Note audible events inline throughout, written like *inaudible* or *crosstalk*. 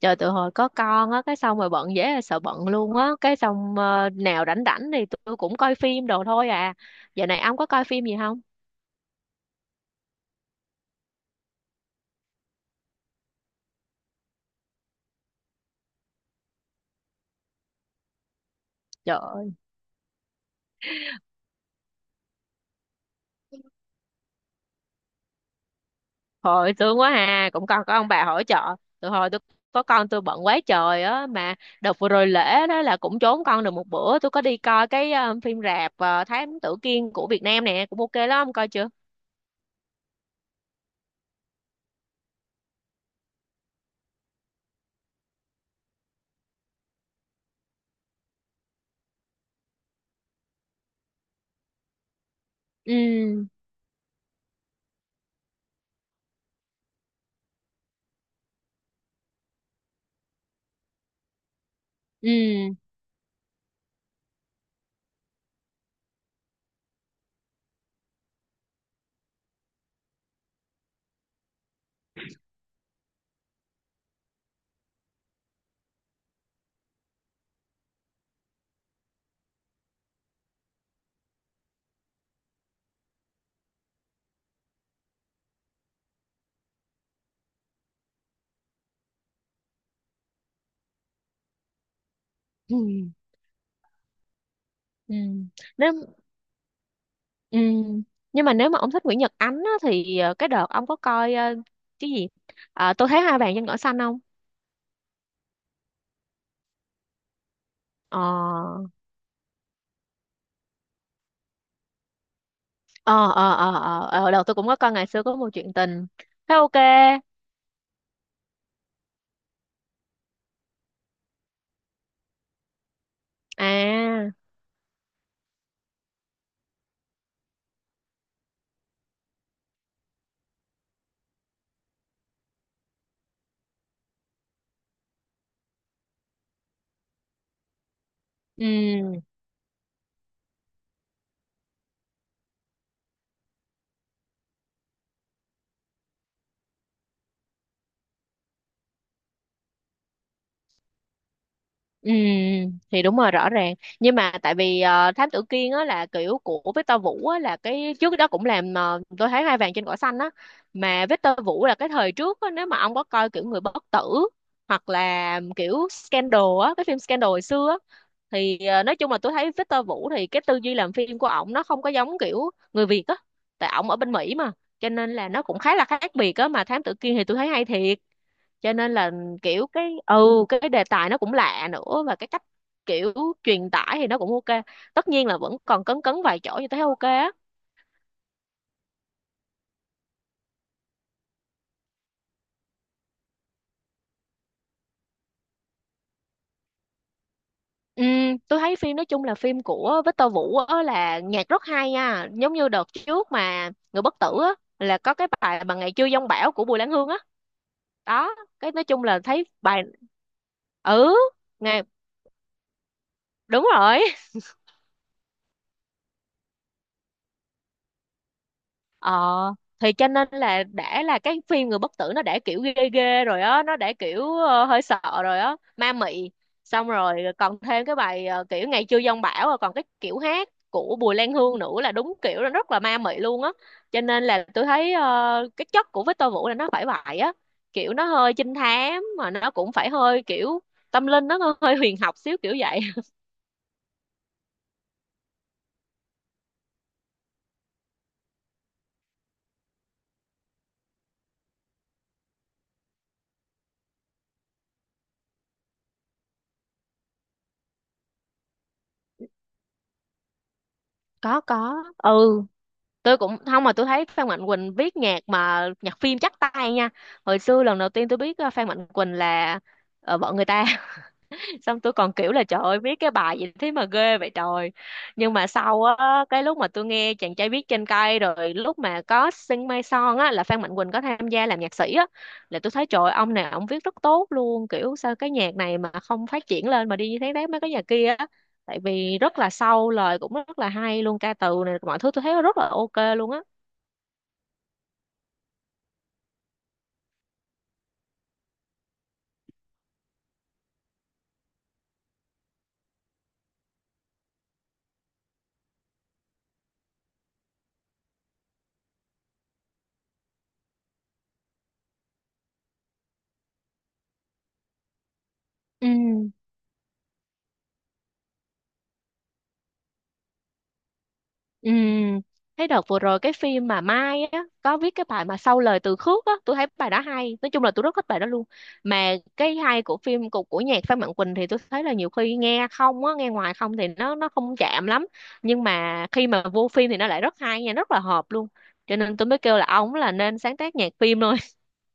Trời, tụi hồi có con á, cái xong rồi bận, dễ là sợ bận luôn á. Cái xong nào rảnh rảnh thì tôi cũng coi phim đồ thôi à. Giờ này ông có coi phim gì không? Trời ơi, hồi thương quá à, cũng còn có ông bà hỗ trợ. Tụi hồi tôi có con tôi bận quá trời á. Mà đợt vừa rồi lễ đó là cũng trốn con được một bữa, tôi có đi coi cái phim rạp Thám Tử Kiên của Việt Nam nè, cũng ok lắm, ông coi chưa? Ừ ừ ừ ừ. Nếu. Ừ. Nhưng mà nếu mà ông thích Nguyễn Nhật Ánh á, thì cái đợt ông có coi cái gì, ờ, tôi thấy hai bạn trên cỏ xanh không? Ờ ờ, đợt tôi cũng có coi ngày xưa có một chuyện tình, thấy ok. À, ừ ừ, thì đúng rồi, rõ ràng. Nhưng mà tại vì Thám Tử Kiên á là kiểu của Victor Vũ á, là cái trước đó cũng làm tôi thấy hai vàng trên cỏ xanh á. Mà Victor Vũ là cái thời trước á, nếu mà ông có coi kiểu người bất tử hoặc là kiểu scandal á, cái phim scandal hồi xưa thì nói chung là tôi thấy Victor Vũ thì cái tư duy làm phim của ổng nó không có giống kiểu người Việt á, tại ổng ở bên Mỹ mà, cho nên là nó cũng khá là khác biệt á. Mà Thám Tử Kiên thì tôi thấy hay thiệt, cho nên là kiểu cái ừ, cái đề tài nó cũng lạ nữa, và cái cách kiểu truyền tải thì nó cũng ok. Tất nhiên là vẫn còn cấn cấn vài chỗ, như thấy ok á. Ừ, tôi thấy phim nói chung là phim của Victor Vũ á, là nhạc rất hay nha, giống như đợt trước mà Người Bất Tử á, là có cái bài mà Ngày Chưa Giông Bão của Bùi Lan Hương á, đó, cái nói chung là thấy bài, ừ ngày, đúng rồi. Ờ, thì cho nên là đã là cái phim Người Bất Tử nó đã kiểu ghê ghê rồi á, nó đã kiểu hơi sợ rồi á, ma mị. Xong rồi còn thêm cái bài kiểu Ngày chưa giông bão, rồi còn cái kiểu hát của Bùi Lan Hương nữa là đúng kiểu là rất là ma mị luôn á. Cho nên là tôi thấy cái chất của Victor Vũ là nó phải vậy á, kiểu nó hơi trinh thám mà nó cũng phải hơi kiểu tâm linh, nó hơi huyền học xíu kiểu vậy. *laughs* Có, ừ, tôi cũng không. Mà tôi thấy Phan Mạnh Quỳnh viết nhạc mà nhạc phim chắc tay nha. Hồi xưa lần đầu tiên tôi biết Phan Mạnh Quỳnh là vợ người ta. *laughs* Xong tôi còn kiểu là trời ơi viết cái bài gì thế mà ghê vậy trời. Nhưng mà sau á, cái lúc mà tôi nghe chàng trai viết trên cây, rồi lúc mà có Sing Mai Son á, là Phan Mạnh Quỳnh có tham gia làm nhạc sĩ á, là tôi thấy trời ơi, ông này ông viết rất tốt luôn, kiểu sao cái nhạc này mà không phát triển lên mà đi như thế đấy mấy cái nhạc kia á. Tại vì rất là sâu, lời cũng rất là hay luôn, ca từ này mọi thứ tôi thấy rất là ok luôn á. Ừ, ừ. Thấy đợt vừa rồi cái phim mà Mai á có viết cái bài mà sau lời từ khước á, tôi thấy bài đó hay. Nói chung là tôi rất thích bài đó luôn. Mà cái hay của phim của nhạc Phan Mạnh Quỳnh thì tôi thấy là nhiều khi nghe không á, nghe ngoài không thì nó không chạm lắm. Nhưng mà khi mà vô phim thì nó lại rất hay nha, rất là hợp luôn. Cho nên tôi mới kêu là ông là nên sáng tác nhạc phim thôi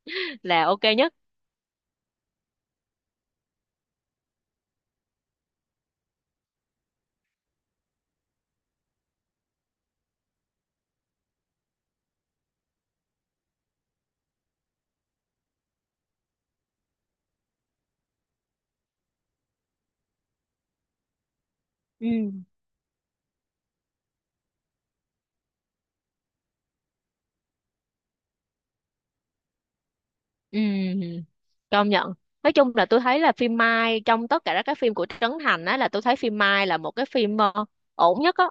*laughs* là ok nhất. Ừ. Ừ, công nhận. Nói chung là tôi thấy là phim Mai trong tất cả các phim của Trấn Thành á, là tôi thấy phim Mai là một cái phim ổn nhất á.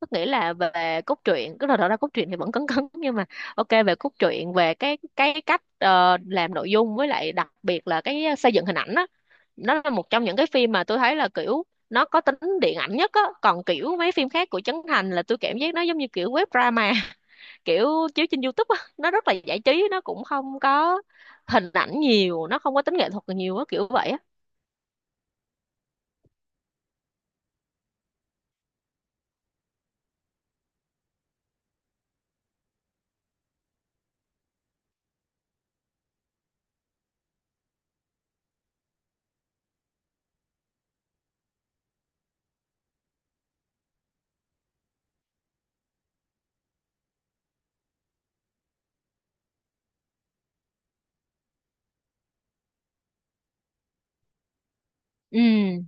Tức nghĩa là về cốt truyện, cứ là đó là cốt truyện thì vẫn cấn cấn *laughs* nhưng mà ok. Về cốt truyện về cái cách làm nội dung, với lại đặc biệt là cái xây dựng hình ảnh á. Nó là một trong những cái phim mà tôi thấy là kiểu nó có tính điện ảnh nhất á. Còn kiểu mấy phim khác của Trấn Thành là tôi cảm giác nó giống như kiểu web drama, kiểu chiếu trên YouTube á, nó rất là giải trí, nó cũng không có hình ảnh nhiều, nó không có tính nghệ thuật nhiều á, kiểu vậy á. ừ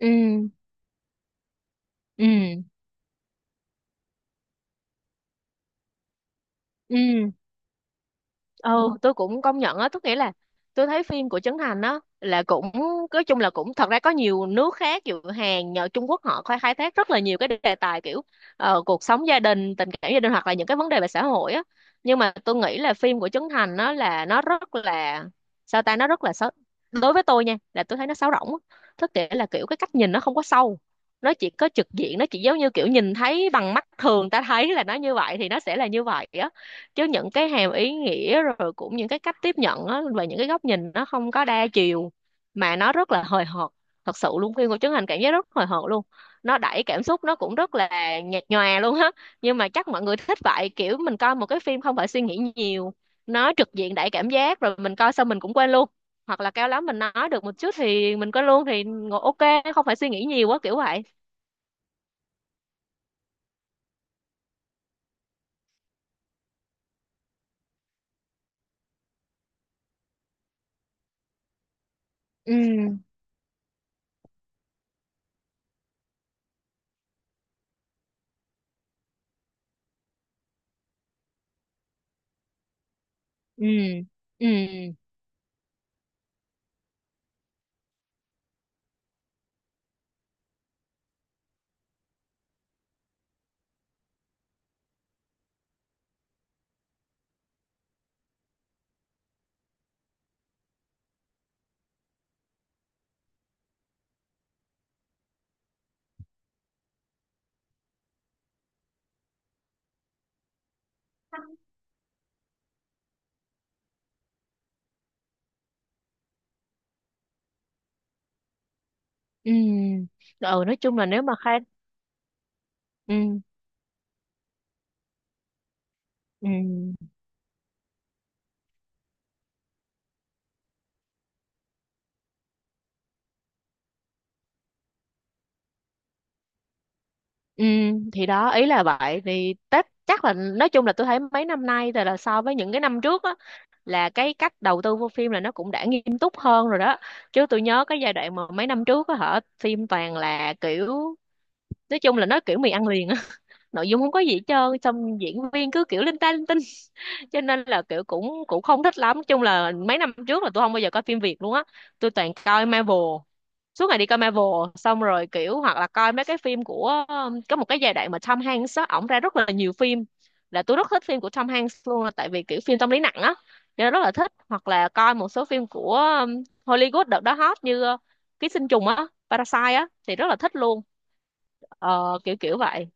ừ ừ ừ ừ tôi cũng công nhận á, tức nghĩa là tôi thấy phim của Trấn Thành á là cũng nói chung là cũng, thật ra có nhiều nước khác dù Hàn nhờ Trung Quốc họ khai khai thác rất là nhiều cái đề tài kiểu cuộc sống gia đình, tình cảm gia đình, hoặc là những cái vấn đề về xã hội á. Nhưng mà tôi nghĩ là phim của Trấn Thành nó là nó rất là, sao ta, nó rất là xấu, đối với tôi nha, là tôi thấy nó sáo rỗng á. Tức nghĩa là kiểu cái cách nhìn nó không có sâu, nó chỉ có trực diện, nó chỉ giống như kiểu nhìn thấy bằng mắt thường, ta thấy là nó như vậy thì nó sẽ là như vậy á. Chứ những cái hàm ý nghĩa rồi cũng những cái cách tiếp nhận á, và những cái góc nhìn nó không có đa chiều, mà nó rất là hời hợt. Thật sự luôn, phim của Trấn Thành cảm giác rất hời hợt luôn, nó đẩy cảm xúc nó cũng rất là nhạt nhòa luôn á. Nhưng mà chắc mọi người thích vậy, kiểu mình coi một cái phim không phải suy nghĩ nhiều, nó trực diện đẩy cảm giác, rồi mình coi xong mình cũng quên luôn, hoặc là cao lắm mình nói được một chút thì mình quên luôn, thì ngồi ok, không phải suy nghĩ nhiều quá kiểu vậy. Ừ ừ ừ ừ ừ ừ Nói chung là nếu mà khai, ừ. Ừ. Ừ, thì đó ý là vậy. Thì tất chắc là nói chung là tôi thấy mấy năm nay thì là so với những cái năm trước á, là cái cách đầu tư vô phim là nó cũng đã nghiêm túc hơn rồi đó. Chứ tôi nhớ cái giai đoạn mà mấy năm trước á hả, phim toàn là kiểu, nói chung là nó kiểu mì ăn liền á. *laughs* Nội dung không có gì hết trơn, xong diễn viên cứ kiểu linh ta linh tinh, cho nên là kiểu cũng cũng không thích lắm. Nói chung là mấy năm trước là tôi không bao giờ coi phim Việt luôn á, tôi toàn coi Marvel, suốt ngày đi coi Marvel. Xong rồi kiểu hoặc là coi mấy cái phim của có một cái giai đoạn mà Tom Hanks á, ổng ra rất là nhiều phim, là tôi rất thích phim của Tom Hanks luôn, là tại vì kiểu phim tâm lý nặng á, cho nên rất là thích. Hoặc là coi một số phim của Hollywood đợt đó hot như Ký sinh trùng á, Parasite á, thì rất là thích luôn. Ờ, kiểu kiểu vậy.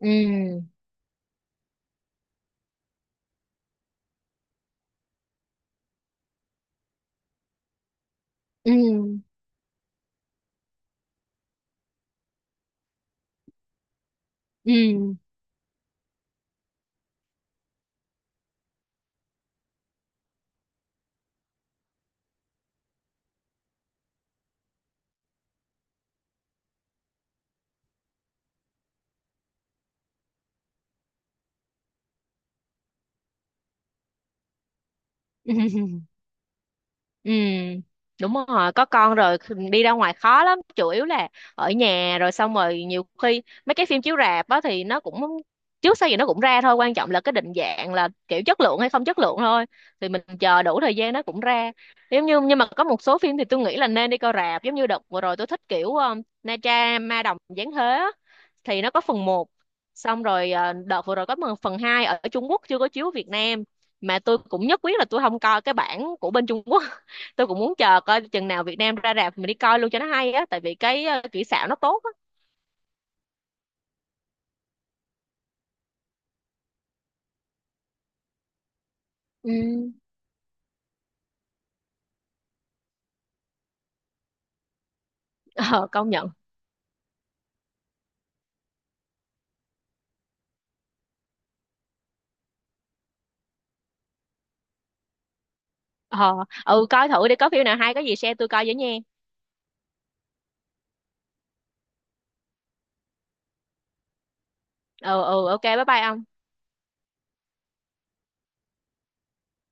Ừ ừ ừ ừ Ừ, đúng rồi, có con rồi đi ra ngoài khó lắm, chủ yếu là ở nhà. Rồi xong rồi nhiều khi mấy cái phim chiếu rạp á thì nó cũng trước sau gì nó cũng ra thôi, quan trọng là cái định dạng, là kiểu chất lượng hay không chất lượng thôi. Thì mình chờ đủ thời gian nó cũng ra. Giống như, nhưng mà có một số phim thì tôi nghĩ là nên đi coi rạp, giống như đợt vừa rồi tôi thích kiểu Na Tra Ma Đồng Giáng Thế á, thì nó có phần 1. Xong rồi ờ, đợt vừa rồi có một phần 2 ở Trung Quốc chưa có chiếu Việt Nam, mà tôi cũng nhất quyết là tôi không coi cái bản của bên Trung Quốc, tôi cũng muốn chờ coi chừng nào Việt Nam ra rạp mình đi coi luôn cho nó hay á, tại vì cái kỹ xảo nó tốt á. Ừ. *laughs* Ờ, công nhận. Ờ ừ, coi thử đi, có phim nào hay có gì share tôi coi với nha. Ừ ừ, ok bye bye ông.